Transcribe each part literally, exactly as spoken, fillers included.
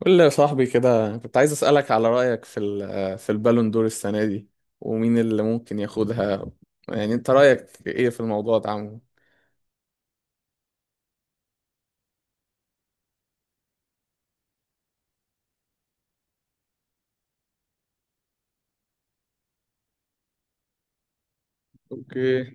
قول لي يا صاحبي كده، كنت عايز أسألك على رأيك في ال- في البالون دور السنة دي، ومين اللي ممكن ياخدها. يعني انت رأيك ايه في الموضوع ده عمو؟ اوكي.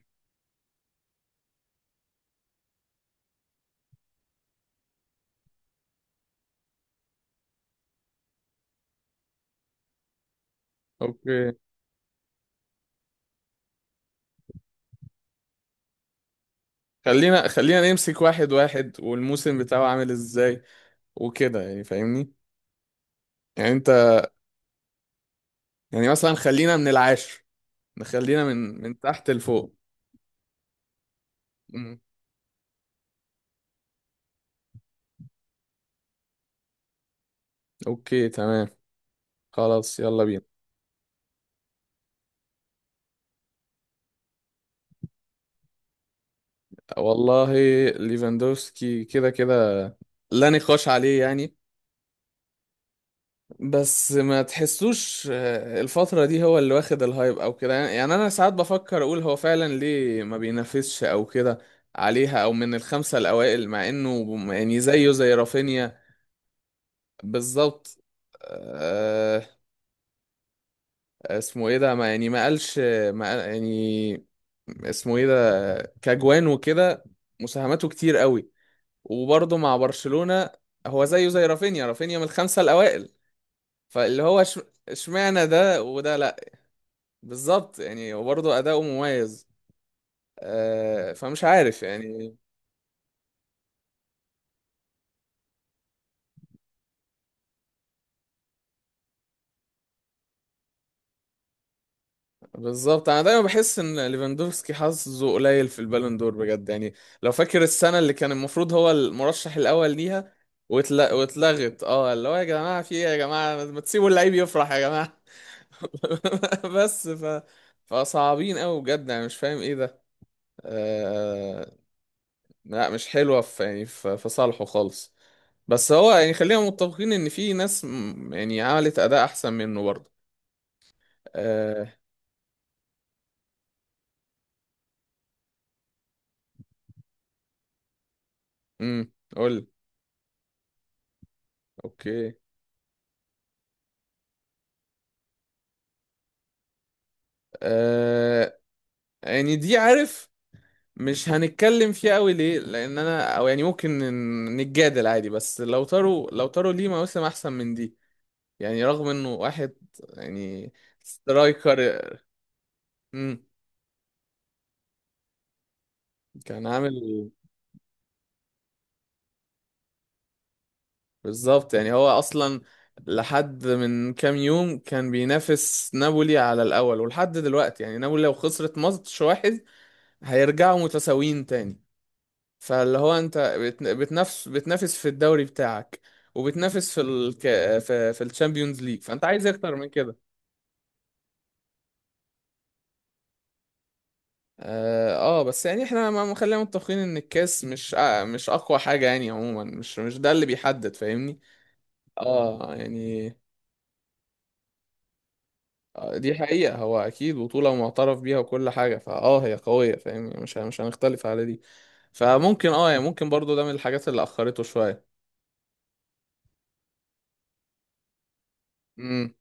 اوكي، خلينا خلينا نمسك واحد واحد، والموسم بتاعه عامل ازاي وكده، يعني فاهمني. يعني انت، يعني مثلا خلينا من العاشر، نخلينا من من تحت لفوق. مم. اوكي تمام. خلاص يلا بينا. والله، ليفاندوفسكي كده كده لا نقاش عليه يعني. بس ما تحسوش آه، الفترة دي هو اللي واخد الهايب او كده، يعني انا ساعات بفكر اقول هو فعلا ليه ما بينافسش او كده عليها، او من الخمسة الاوائل، مع انه يعني زيه زي رافينيا. بالظبط. آه، اسمه ايه ده، ما يعني ما قالش ما قال- يعني اسمه ايه ده، كجوان وكده، مساهماته كتير قوي، وبرضه مع برشلونة. هو زيه زي رافينيا، رافينيا من الخمسة الاوائل. فاللي هو اش- اشمعنى ده وده لا؟ بالظبط، يعني وبرضه أداؤه مميز. آه، فمش عارف يعني. بالظبط، انا دايما بحس ان ليفاندوفسكي حظه قليل في البالون دور بجد يعني. لو فاكر السنه اللي كان المفروض هو المرشح الاول ليها واتل- واتلغت، اه، اللي هو يا جماعه في ايه يا جماعه، ما تسيبوا اللعيب يفرح يا جماعه. بس ف فصعبين قوي بجد، انا مش فاهم ايه ده. آه، لا مش حلوة في، يعني في في صالحه خالص. بس هو يعني خلينا متفقين ان في ناس م- يعني عملت اداء احسن منه برضه. آه. امم، قول. اوكي. آه، يعني دي عارف مش هنتكلم فيها قوي، ليه؟ لان انا او يعني ممكن ن- نتجادل عادي، بس لو تارو، لو تارو ليه مواسم احسن من دي، يعني رغم انه واحد يعني سترايكر. امم. كان عامل. بالظبط، يعني هو اصلا لحد من كام يوم كان بينافس نابولي على الاول، ولحد دلوقتي يعني نابولي لو خسرت ماتش واحد هيرجعوا متساويين تاني. فاللي هو انت بت- بتنافس، بتنافس في الدوري بتاعك، وبتنافس في الك... في, في الشامبيونز ليج، فانت عايز اكتر من كده؟ اه. آه، بس يعني احنا ما ما خلينا متفقين ان الكاس مش أ- مش اقوى حاجة يعني، عموما مش مش ده اللي بيحدد، فاهمني؟ اه يعني. آه، دي حقيقة، هو أكيد بطولة معترف بيها وكل حاجة، فأه هي قوية، فاهم يعني، مش مش هنختلف على دي. فممكن أه يعني، ممكن برضو ده من الحاجات اللي أخرته شوية. امم.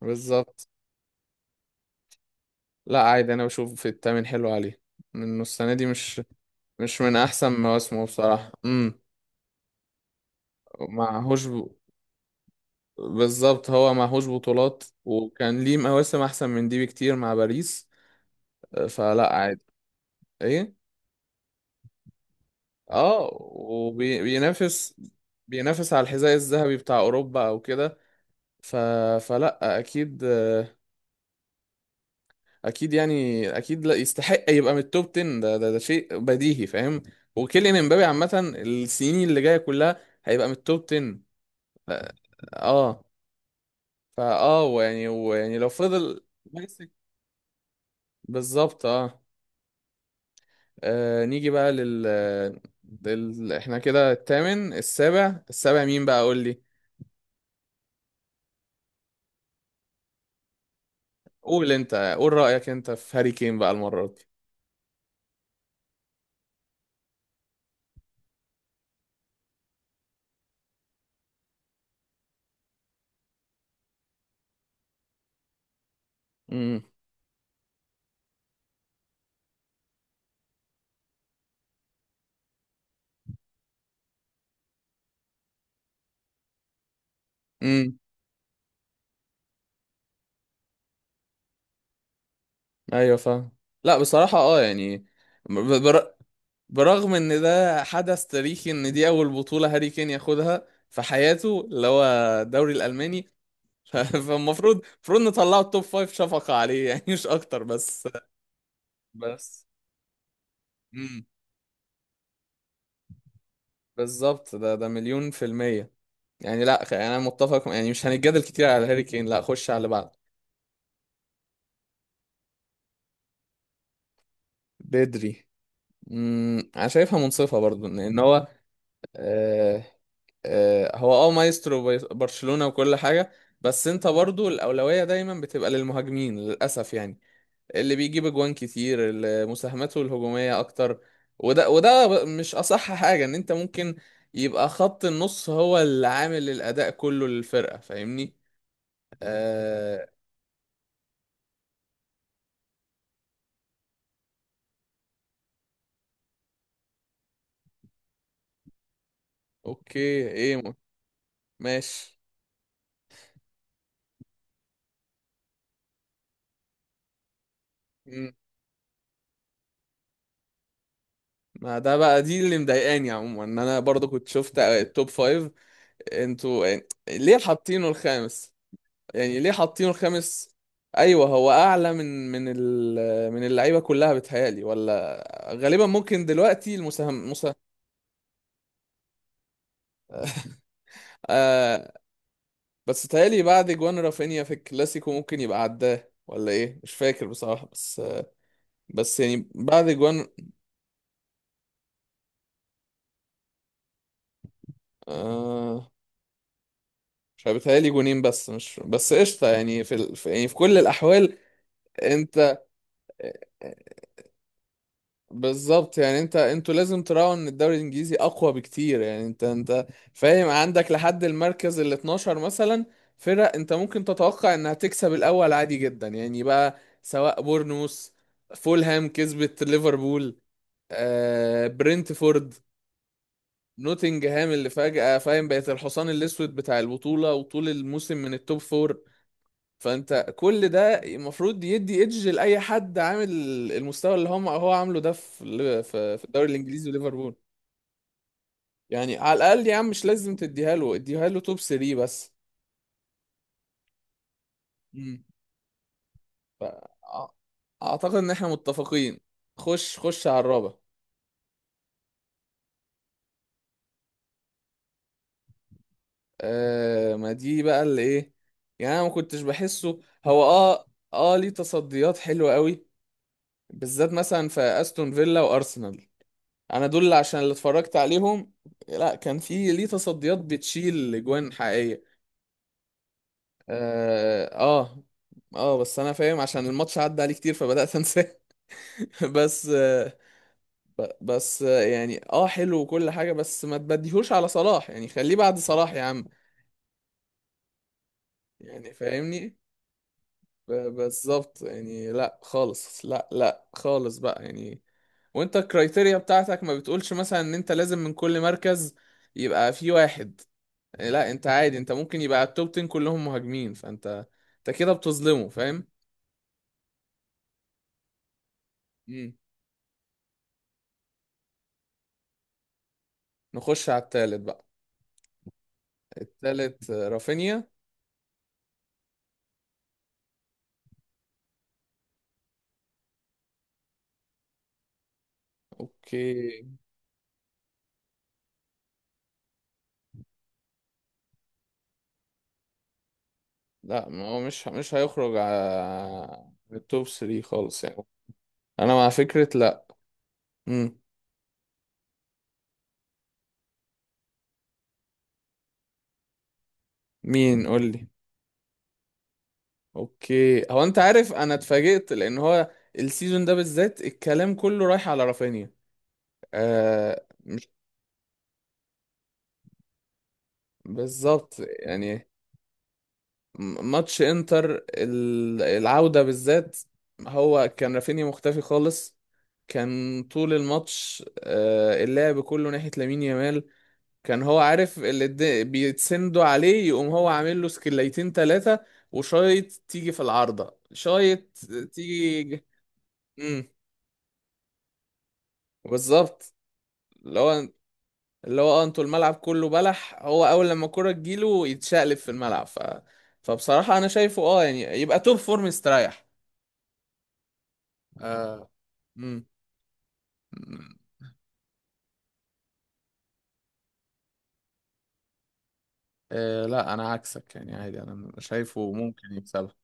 بالظبط. لا عادي، أنا بشوف في التامن حلو عليه، إنه السنة دي مش، مش من أحسن مواسمه بصراحة. امم. معهوش ب... بالظبط، هو معهوش بطولات، وكان ليه مواسم أحسن من دي بكتير مع باريس. آه، فلا عادي. إيه؟ اه وبينافس، بينافس على الحذاء الذهبي بتاع اوروبا او كده. ف... فلا اكيد، اكيد يعني، اكيد لا يستحق يبقى من التوب عشرة، ده ده, ده شيء بديهي، فاهم. وكيليان امبابي عامه السنين اللي جايه كلها هيبقى من التوب عشرة. اه. فاه، ويعني ويعني لو فضل ماسك، بالظبط. اه. آه، نيجي بقى لل... لل... احنا كده الثامن، السابع السابع مين بقى؟ قول لي. قول انت، قول رأيك انت في هاري كين بقى المرة دي. امم. امم. ايوه فاهم. لا بصراحة، اه يعني، ب- بر... برغم ان ده حدث تاريخي، ان دي اول بطولة هاري كين ياخدها في حياته، اللي هو الدوري الألماني. ف- فالمفروض المفروض نطلعه التوب فايف شفقة عليه، يعني مش اكتر بس. بس. امم. بالظبط، ده ده مليون في المية يعني، لا يعني انا متفق، يعني مش هنتجادل كتير على هاري كين، لا خش على اللي بعده. بدري. امم، انا شايفها منصفة برضو ان إن هو، آه، آه، هو اه مايسترو بي- برشلونة وكل حاجة. بس انت برضو الأولوية دايما بتبقى للمهاجمين للأسف يعني، اللي بيجيب اجوان كتير، اللي مساهماته الهجومية أكتر. وده وده ب- مش أصح حاجة إن أنت ممكن يبقى خط النص هو اللي عامل الأداء كله للفرقة، فاهمني؟ آه. أوكي. إيه م- ماشي. مم. ما ده بقى دي اللي مضايقاني عموما، إن أنا برضو كنت شفت التوب فايف، انتوا يعني ليه حاطينه الخامس؟ يعني ليه حاطينه الخامس؟ ايوه، هو اعلى من من ال- من اللعيبه كلها بتهيالي، ولا؟ غالبا ممكن دلوقتي المساهم مسا... آه. بس تهيالي بعد جوان رافينيا في الكلاسيكو ممكن يبقى عداه، ولا ايه، مش فاكر بصراحه، بس، بس يعني بعد جوان. آه. مش عارف، بيتهيألي جونين بس، مش بس قشطه يعني في, ال... في يعني في كل الاحوال انت، بالظبط يعني انت، انتوا لازم تراعوا ان الدوري الانجليزي اقوى بكتير يعني، انت انت فاهم، عندك لحد المركز ال اتناشر مثلا فرق، انت ممكن تتوقع انها تكسب الاول عادي جدا يعني بقى، سواء بورنموث، فولهام كسبت ليفربول، آه، برنتفورد، نوتنجهام اللي فجأة فاهم بقت الحصان الاسود بتاع البطولة، وطول الموسم من التوب فور. فانت كل ده المفروض يدي ايدج لاي حد عامل المستوى اللي هم هو عامله ده في ال- في في الدوري الانجليزي وليفربول. يعني على الاقل يا عم مش لازم تديها له، اديها له توب ثلاثة بس. امم. ف- أع- اعتقد ان احنا متفقين. خش، خش على الرابع. آه، ما دي بقى اللي ايه، يعني انا ما كنتش بحسه هو اه، اه ليه تصديات حلوه قوي، بالذات مثلا في استون فيلا وارسنال، انا دول عشان اللي اتفرجت عليهم. لا، كان في ليه تصديات بتشيل اجوان حقيقية. اه اه. آه، بس انا فاهم عشان الماتش عدى عليه كتير فبدأت انساه. بس آه. ب- بس آه يعني، اه حلو وكل حاجة، بس ما تبديهوش على صلاح يعني، خليه بعد صلاح يا عم، يعني فاهمني. ب- بالظبط يعني، لا خالص، لا لا خالص بقى يعني. وانت الكرايتيريا بتاعتك ما بتقولش مثلا ان انت لازم من كل مركز يبقى في واحد. إيه، لا انت عادي، انت ممكن يبقى التوب عشرة كلهم مهاجمين، فانت انت كده بتظلمه فاهم. مم. نخش على التالت بقى. التالت آه، رافينيا. اوكي. لا، ما هو مش مش هيخرج على التوب تلاتة خالص يعني. انا مع فكرة لا. مم. مين قول لي؟ اوكي، هو انت عارف انا اتفاجئت، لان هو السيزون ده بالذات الكلام كله رايح على رافينيا. آه. بالظبط يعني. م- ماتش انتر ال- العودة بالذات، هو كان رافينيا مختفي خالص، كان طول الماتش آه، اللعب كله ناحية لامين يامال، كان هو عارف اللي الد- بيتسندوا عليه، يقوم هو عامل له سكليتين تلاتة وشايط، تيجي في العارضة، شايط، تيجي. امم. بالظبط. اللي هو اللي هو آه، انتوا الملعب كله بلح، هو اول لما الكرة تجيله يتشقلب في الملعب. ف... فبصراحة انا شايفه اه يعني يبقى توب فور مستريح. آه. امم. آه. لا انا عكسك يعني، عادي انا شايفه ممكن يكسبها.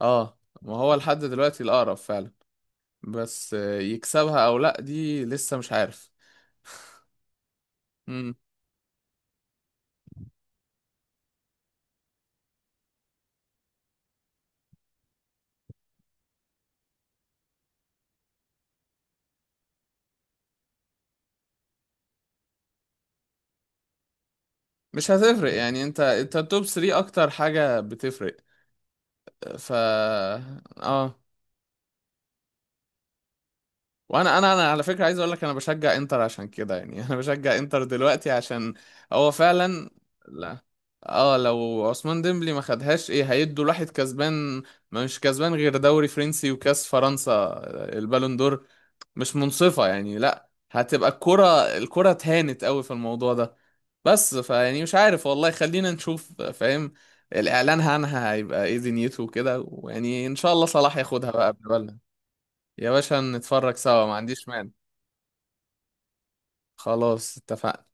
اه، ما هو لحد دلوقتي الاقرب فعلا، بس آه يكسبها او لا دي لسه مش عارف. امم. مش هتفرق يعني، انت انت التوب تلاتة اكتر حاجة بتفرق. ف، اه. وانا انا انا على فكره عايز اقول لك، انا بشجع انتر عشان كده يعني. انا بشجع انتر دلوقتي عشان هو فعلا. لا. اه، لو عثمان ديمبلي ما خدهاش، ايه هيدوا الواحد كسبان؟ ما مش كسبان غير دوري فرنسي وكاس فرنسا، آه، البالون دور مش منصفه يعني، لا هتبقى الكره، الكره اتهانت قوي في الموضوع ده. بس فيعني مش عارف والله، خلينا نشوف، فاهم، الاعلان عنها هيبقى ايه دنيته وكده، ويعني ان شاء الله صلاح ياخدها بقى قبل بالنا. يا باشا نتفرج سوا، ما عنديش مانع. خلاص اتفقنا.